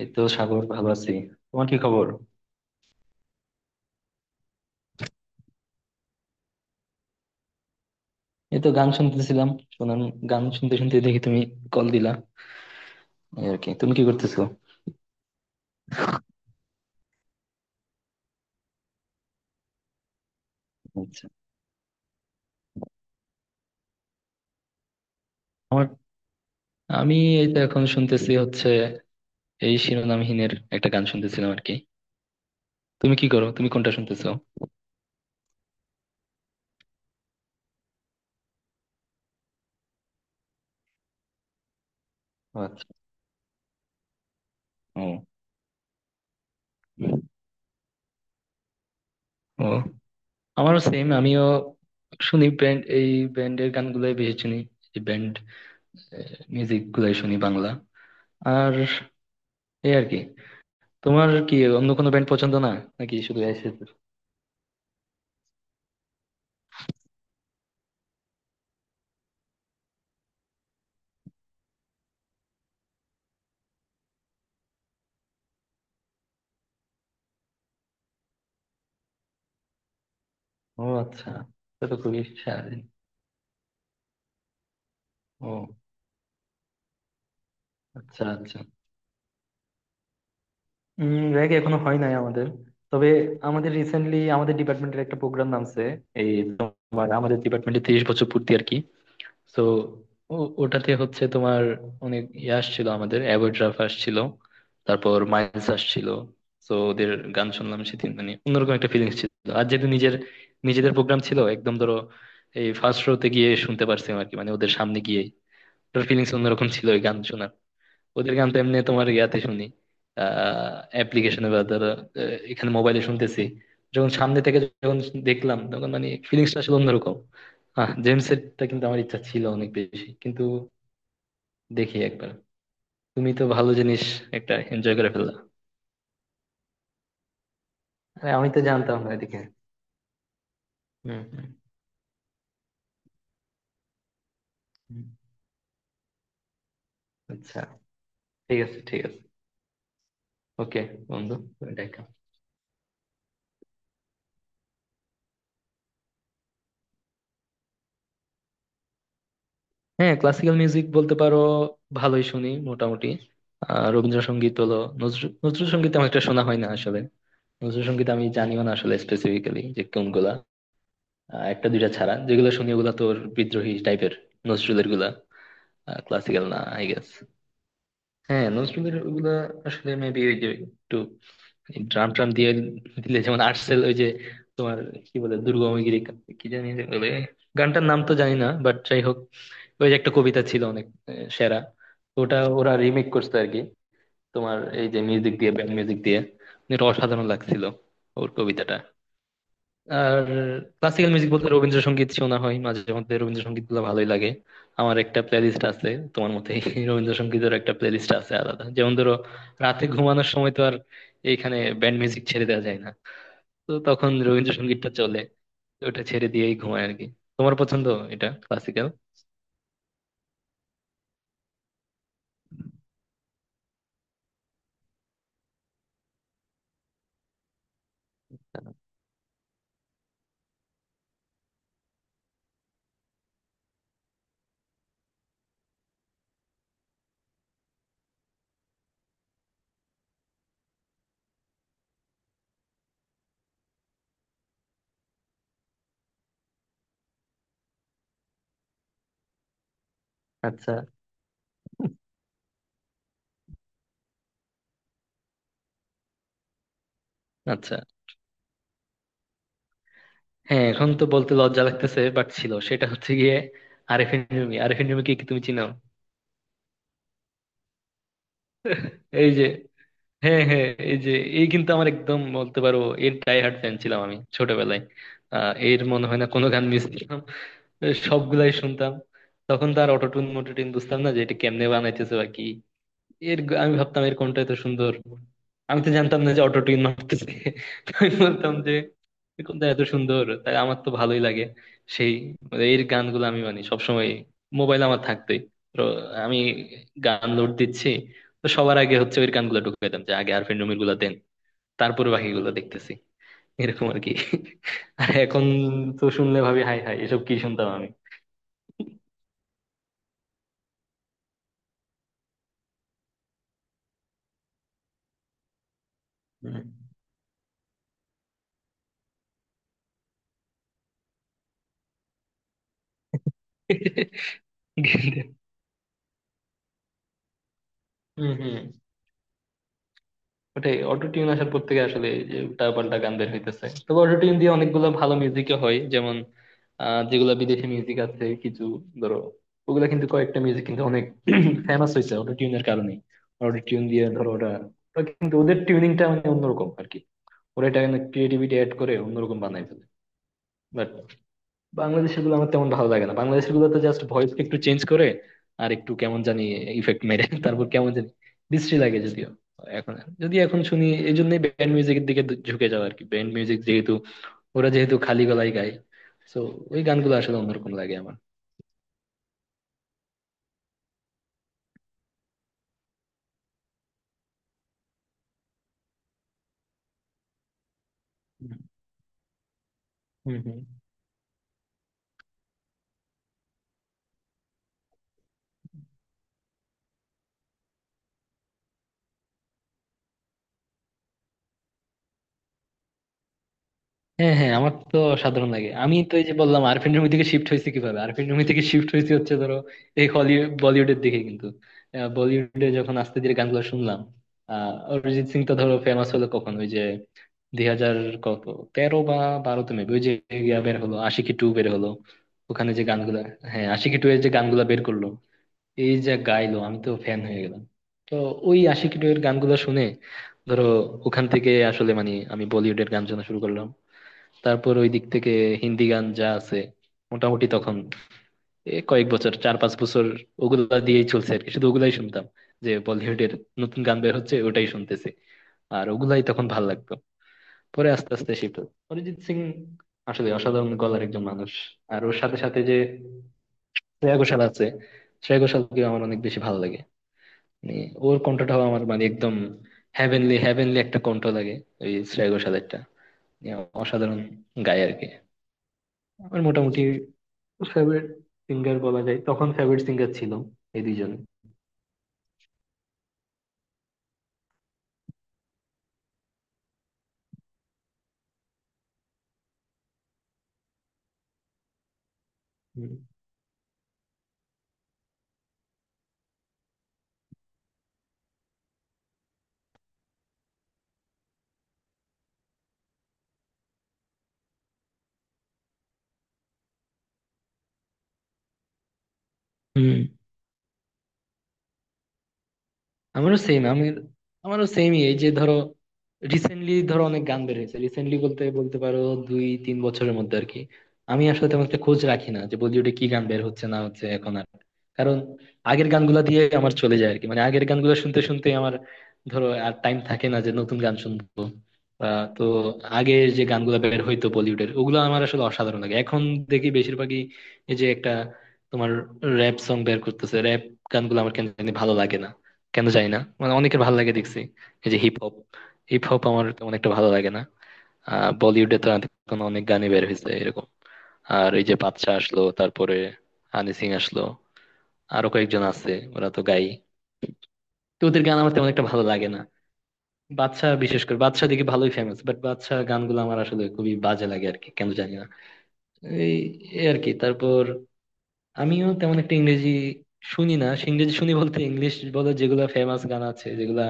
এই তো সাগর, ভালো আছি। তোমার কি খবর? এই তো গান শুনতেছিলাম, শোনান। গান শুনতে শুনতে দেখি তুমি কল দিলা, এই আর কি। তুমি কি করতেছো? আচ্ছা, আমার আমি এই তো এখন শুনতেছি হচ্ছে, এই শিরোনামহীনের একটা গান শুনতেছিলাম আর কি। তুমি কি করো, তুমি কোনটা শুনতেছো? ও আচ্ছা। ও, ও আমারও সেম, আমিও শুনি ব্যান্ড, এই ব্যান্ডের গানগুলোই বেশি শুনি। এই ব্যান্ড মিউজিক গুলাই শুনি, বাংলা। আর এই আর কি, তোমার কি অন্য কোনো ব্যান্ড পছন্দ না, নাকি শুধু? ও আচ্ছা। এটা তো খুবই সারাদিন। ও আচ্ছা, আচ্ছা। র্যাগ এখনো হয় নাই আমাদের। তবে আমাদের রিসেন্টলি আমাদের ডিপার্টমেন্টের একটা প্রোগ্রাম নামছে। এই তোমার, আমাদের ডিপার্টমেন্টে 30 বছর পূর্তি আর কি। তো ওটাতে হচ্ছে তোমার অনেক ইয়ে আসছিল, আমাদের অ্যাভয়েড রাফ আসছিল, তারপর মাইলস আসছিল। তো ওদের গান শুনলাম সেদিন, মানে অন্যরকম একটা ফিলিংস ছিল। আর যেহেতু নিজের নিজেদের প্রোগ্রাম ছিল, একদম ধরো এই ফার্স্ট রোতে গিয়ে শুনতে পারছিলাম আর কি, মানে ওদের সামনে গিয়ে। ওটার ফিলিংস অন্যরকম ছিল ওই গান শোনার। ওদের গান তো এমনি তোমার ইয়াতে শুনি, অ্যাপ্লিকেশনে বা ধরো, এখানে মোবাইলে শুনতেছি। যখন সামনে থেকে যখন দেখলাম তখন মানে ফিলিংসটা আসলে অন্যরকম। হ্যাঁ, জেমস এরটা কিন্তু আমার ইচ্ছা ছিল অনেক বেশি, কিন্তু দেখি একবার। তুমি তো ভালো জিনিস একটা এনজয় করে ফেললা। আরে আমি তো জানতাম না এদিকে। হম হম হম। আচ্ছা, ঠিক আছে, ঠিক আছে। ওকে বন্ধু, তুমি দেখো। হ্যাঁ, ক্লাসিক্যাল মিউজিক বলতে পারো ভালোই শুনি মোটামুটি। রবীন্দ্রসঙ্গীত হলো, নজরুল নজরুল সঙ্গীত আমার একটা শোনা হয় না আসলে। নজরুলসঙ্গীত আমি জানিও না আসলে, স্পেসিফিক্যালি যে কোনগুলা। একটা দুইটা ছাড়া যেগুলো শুনি ওগুলা তোর বিদ্রোহী টাইপের নজরুলের গুলা। ক্লাসিক্যাল না আই গেস। হ্যাঁ, নজরুলের ওগুলা আসলে মেবি ওই যে একটু ড্রাম ট্রাম দিয়ে দিলে, যেমন আর্টসেল ওই যে তোমার কি বলে দুর্গমগিরি, কি জানি যে বলে, গানটার নাম তো জানি না, বাট যাই হোক। ওই যে একটা কবিতা ছিল অনেক সেরা। ওটা ওরা রিমেক করছে আর কি, তোমার এই যে মিউজিক দিয়ে, ব্যান্ড মিউজিক দিয়ে। এটা অসাধারণ লাগছিল, ওর কবিতাটা। আর ক্লাসিক্যাল মিউজিক বলতে রবীন্দ্রসঙ্গীত শোনা হয় মাঝে মধ্যে, রবীন্দ্রসঙ্গীত গুলো ভালোই লাগে। আমার একটা প্লেলিস্ট আছে তোমার মতে, রবীন্দ্রসঙ্গীতের একটা প্লেলিস্ট আছে আলাদা, যেমন ধরো রাতে ঘুমানোর সময় তো আর এইখানে ব্যান্ড মিউজিক ছেড়ে দেওয়া যায় না, তো তখন রবীন্দ্রসঙ্গীতটা চলে, তো ওটা ছেড়ে দিয়েই ঘুমায় আর কি। তোমার পছন্দ, এটা ক্লাসিক্যাল। আচ্ছা, আচ্ছা। হ্যাঁ, এখন তো বলতে লজ্জা লাগতেছে বাট ছিল, সেটা হচ্ছে গিয়ে আরেফিন রুমি, আরেফিন রুমি কি তুমি চিনো? এই যে, হ্যাঁ হ্যাঁ, এই যে, এই কিন্তু আমার একদম বলতে পারো এর ডাই হার্ড ফ্যান ছিলাম আমি ছোটবেলায়। এর মনে হয় না কোনো গান মিস করলাম, সবগুলাই শুনতাম। তখন তো আর অটোটিউন মোটোটিউন বুঝতাম না যে এটা কেমনে বানাইতেছে বা কি। আমি ভাবতাম এর কোনটা এত সুন্দর, আমি তো জানতাম না যে অটো টিউন মারতেছে। তো আমি বলতাম যে এর কোনটা এত সুন্দর, তাই আমার তো ভালোই লাগে। সেই মানে, এর গানগুলো আমি মানে সবসময়, মোবাইল আমার থাকতোই, তো আমি গান লোড দিচ্ছি, তো সবার আগে হচ্ছে ওই গানগুলো ঢুকিয়ে দিতাম যে আগে আরফিন রুমির গুলো দেন, তারপরে বাকিগুলো দেখতেছি, এরকম আর কি। আর এখন তো শুনলে ভাবি হাই হাই এসব কি শুনতাম আমি। হুম। হম হম। ওটাই, অটো টিউন আসার পর থেকে আসলে এই যে উল্টা পাল্টা গান বের হইতেছে, তবে অটো টিউন দিয়ে অনেকগুলো ভালো মিউজিকও হয়, যেমন যেগুলা বিদেশি মিউজিক আছে কিছু, ধরো, ওগুলা কিন্তু, কয়েকটা মিউজিক কিন্তু অনেক ফেমাস হয়েছে অটো টিউনের কারণে। অটো টিউন দিয়ে ধরো ওরা, ওরা কিন্তু ওদের টিউনিংটা মানে অন্যরকম আর কি। ওরা এটা ক্রিয়েটিভিটি অ্যাড করে অন্যরকম বানাই ফেলে। বাংলাদেশের গুলো আমার তেমন ভালো লাগে না, বাংলাদেশের গুলোতে জাস্ট ভয়েস একটু চেঞ্জ করে আর একটু কেমন জানি ইফেক্ট মেরে তারপর কেমন জানি বিশ্রী লাগে যদিও এখন। যদি এখন শুনি, এই জন্যই ব্যান্ড মিউজিকের দিকে ঝুঁকে যাওয়া আর কি, ব্যান্ড মিউজিক যেহেতু, ওরা যেহেতু খালি গলায় গায়, তো ওই গানগুলো আসলে অন্যরকম লাগে আমার। হম হম। হ্যাঁ হ্যাঁ, আমার তো সাধারণ লাগে, আমি তো এই যে বললাম আরফিন রুমি থেকে শিফট হয়েছে কিভাবে, আরফিন রুমি থেকে শিফট হয়েছে হচ্ছে ধরো এই হলিউড বলিউডের দিকে কিন্তু, বলিউডে যখন আস্তে ধীরে গানগুলো শুনলাম, অরিজিৎ সিং তো ধরো ফেমাস হলো কখন, ওই যে দুই হাজার কত তেরো বা বারোতে মেবি, ওই যে ইয়া বের হলো, আশিকি টু বের হলো। ওখানে যে গানগুলা, হ্যাঁ, আশিকি টু এর যে গানগুলা বের করলো, এই যে গাইলো, আমি তো ফ্যান হয়ে গেলাম। তো ওই আশিকি টু এর গানগুলো শুনে ধরো, ওখান থেকে আসলে মানে আমি বলিউডের গান শোনা শুরু করলাম। তারপর ওই দিক থেকে হিন্দি গান যা আছে মোটামুটি তখন এ কয়েক বছর, 4 5 বছর, ওগুলা দিয়েই চলছে আর কি, শুধু ওগুলাই শুনতাম যে বলিউডের নতুন গান বের হচ্ছে ওটাই শুনতেছি, আর ওগুলাই তখন ভাল লাগতো। পরে আস্তে আস্তে শিফট অরিজিৎ সিং, আসলে অসাধারণ গলার একজন মানুষ। আর ওর সাথে সাথে যে শ্রেয়া ঘোষাল আছে, শ্রেয়া ঘোষালকে আমার অনেক বেশি ভালো লাগে। মানে ওর কণ্ঠটাও আমার মানে একদম হ্যাভেনলি, হ্যাভেনলি একটা কণ্ঠ লাগে, ওই শ্রেয়া ঘোষালেরটা অসাধারণ গায় আর কি। আমার মোটামুটি ফেভারিট সিঙ্গার বলা যায়, তখন ফেভারিট সিঙ্গার ছিল এই দুইজন। হুম, হুম। আমারও সেম, আমি, আমারও সেমই, এই যে ধরো রিসেন্টলি ধরো অনেক গান বের হয়েছে, রিসেন্টলি বলতে বলতে পারো 2 3 বছরের মধ্যে আর কি। আমি আসলে তেমন একটা খোঁজ রাখি না যে বলিউডে কি গান বের হচ্ছে না হচ্ছে এখন আর, কারণ আগের গানগুলা দিয়ে আমার চলে যায় আর কি, মানে আগের গানগুলো শুনতে শুনতে আমার ধরো আর টাইম থাকে না যে নতুন গান শুনবো বা, তো আগে যে গানগুলো বের হইতো বলিউডের ওগুলো আমার আসলে অসাধারণ লাগে। এখন দেখি বেশিরভাগই এই যে একটা তোমার র্যাপ সং বের করতেছে, র্যাপ গানগুলো আমার কেন জানি ভালো লাগে না, কেন জানি না, মানে অনেকের ভালো লাগে দেখছি। এই যে হিপ হপ, হিপ হপ আমার তেমন একটা ভালো লাগে না। বলিউডে তো এখন অনেক গানই বের হয়েছে এরকম। আর এই যে বাদশা আসলো, তারপরে হানি সিং আসলো, আরো কয়েকজন আছে ওরা তো গায়ই, তো ওদের গান আমার তেমন একটা ভালো লাগে না। বাদশা, বিশেষ করে বাদশা দেখি ভালোই ফেমাস, বাট বাদশা গানগুলো আমার আসলে খুবই বাজে লাগে আর কি, কেন জানি না। এই এই আর কি তারপর আমিও তেমন একটা ইংরেজি শুনি না, সে ইংরেজি শুনি বলতে ইংলিশ বলে যেগুলা ফেমাস গান আছে যেগুলা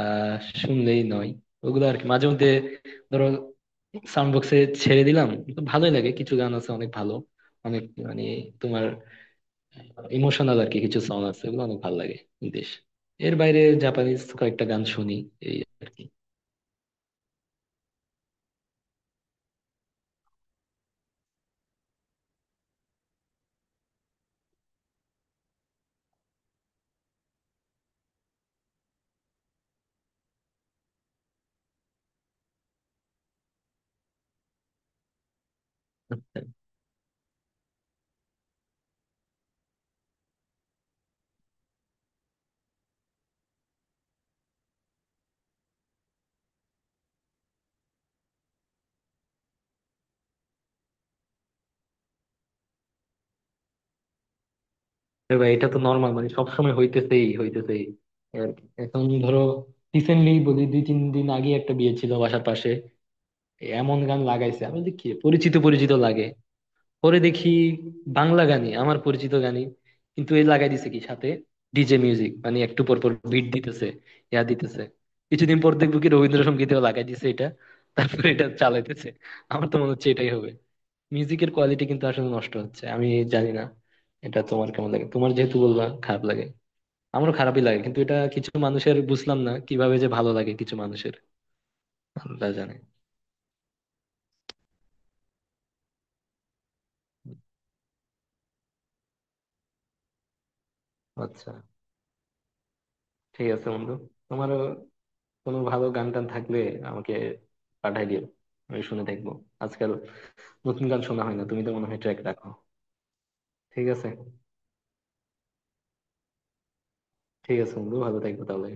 আহ শুনলেই নয়, ওগুলো আর কি মাঝে মধ্যে, ধরো সাউন্ড বক্সে ছেড়ে দিলাম, তো ভালোই লাগে। কিছু গান আছে অনেক ভালো, অনেক মানে তোমার ইমোশনাল আর কি কিছু সং আছে, ওগুলো অনেক ভালো লাগে। দেশ এর বাইরে জাপানিজ কয়েকটা গান শুনি, এই আর কি। এর বাইরে এটা তো নর্মাল, মানে সবসময় হইতেছেই হইতেছেই, এই আর কি। এখন ধরো রিসেন্টলি বলি, 2 3 দিন আগে একটা বিয়ে ছিল বাসার পাশে। এমন গান লাগাইছে, আমি বলি কি পরিচিত পরিচিত লাগে, পরে দেখি বাংলা গানই, আমার পরিচিত গানই, কিন্তু এই লাগাই দিছে কি সাথে ডিজে মিউজিক, মানে একটু পর পর বিট দিতেছে, ইয়া দিতেছে। কিছুদিন পর দেখবো কি রবীন্দ্রসঙ্গীতেও লাগাই দিছে এটা, তারপরে এটা চালাইতেছে। আমার তো মনে হচ্ছে এটাই হবে, মিউজিকের কোয়ালিটি কিন্তু আসলে নষ্ট হচ্ছে। আমি জানি না এটা তোমার কেমন লাগে, তোমার যেহেতু বললা খারাপ লাগে। আমারও খারাপই লাগে, কিন্তু এটা কিছু মানুষের, বুঝলাম না কিভাবে যে ভালো লাগে কিছু মানুষের। আল্লাহ জানে। আচ্ছা। ঠিক আছে বন্ধু, তোমারও কোনো ভালো গান টান থাকলে আমাকে পাঠাই দিও, আমি শুনে দেখবো। আজকাল নতুন গান শোনা হয় না, তুমি তো মনে হয় ট্র্যাক রাখো। ঠিক আছে, ঠিক আছে বন্ধু, ভালো থাকবো তাহলে।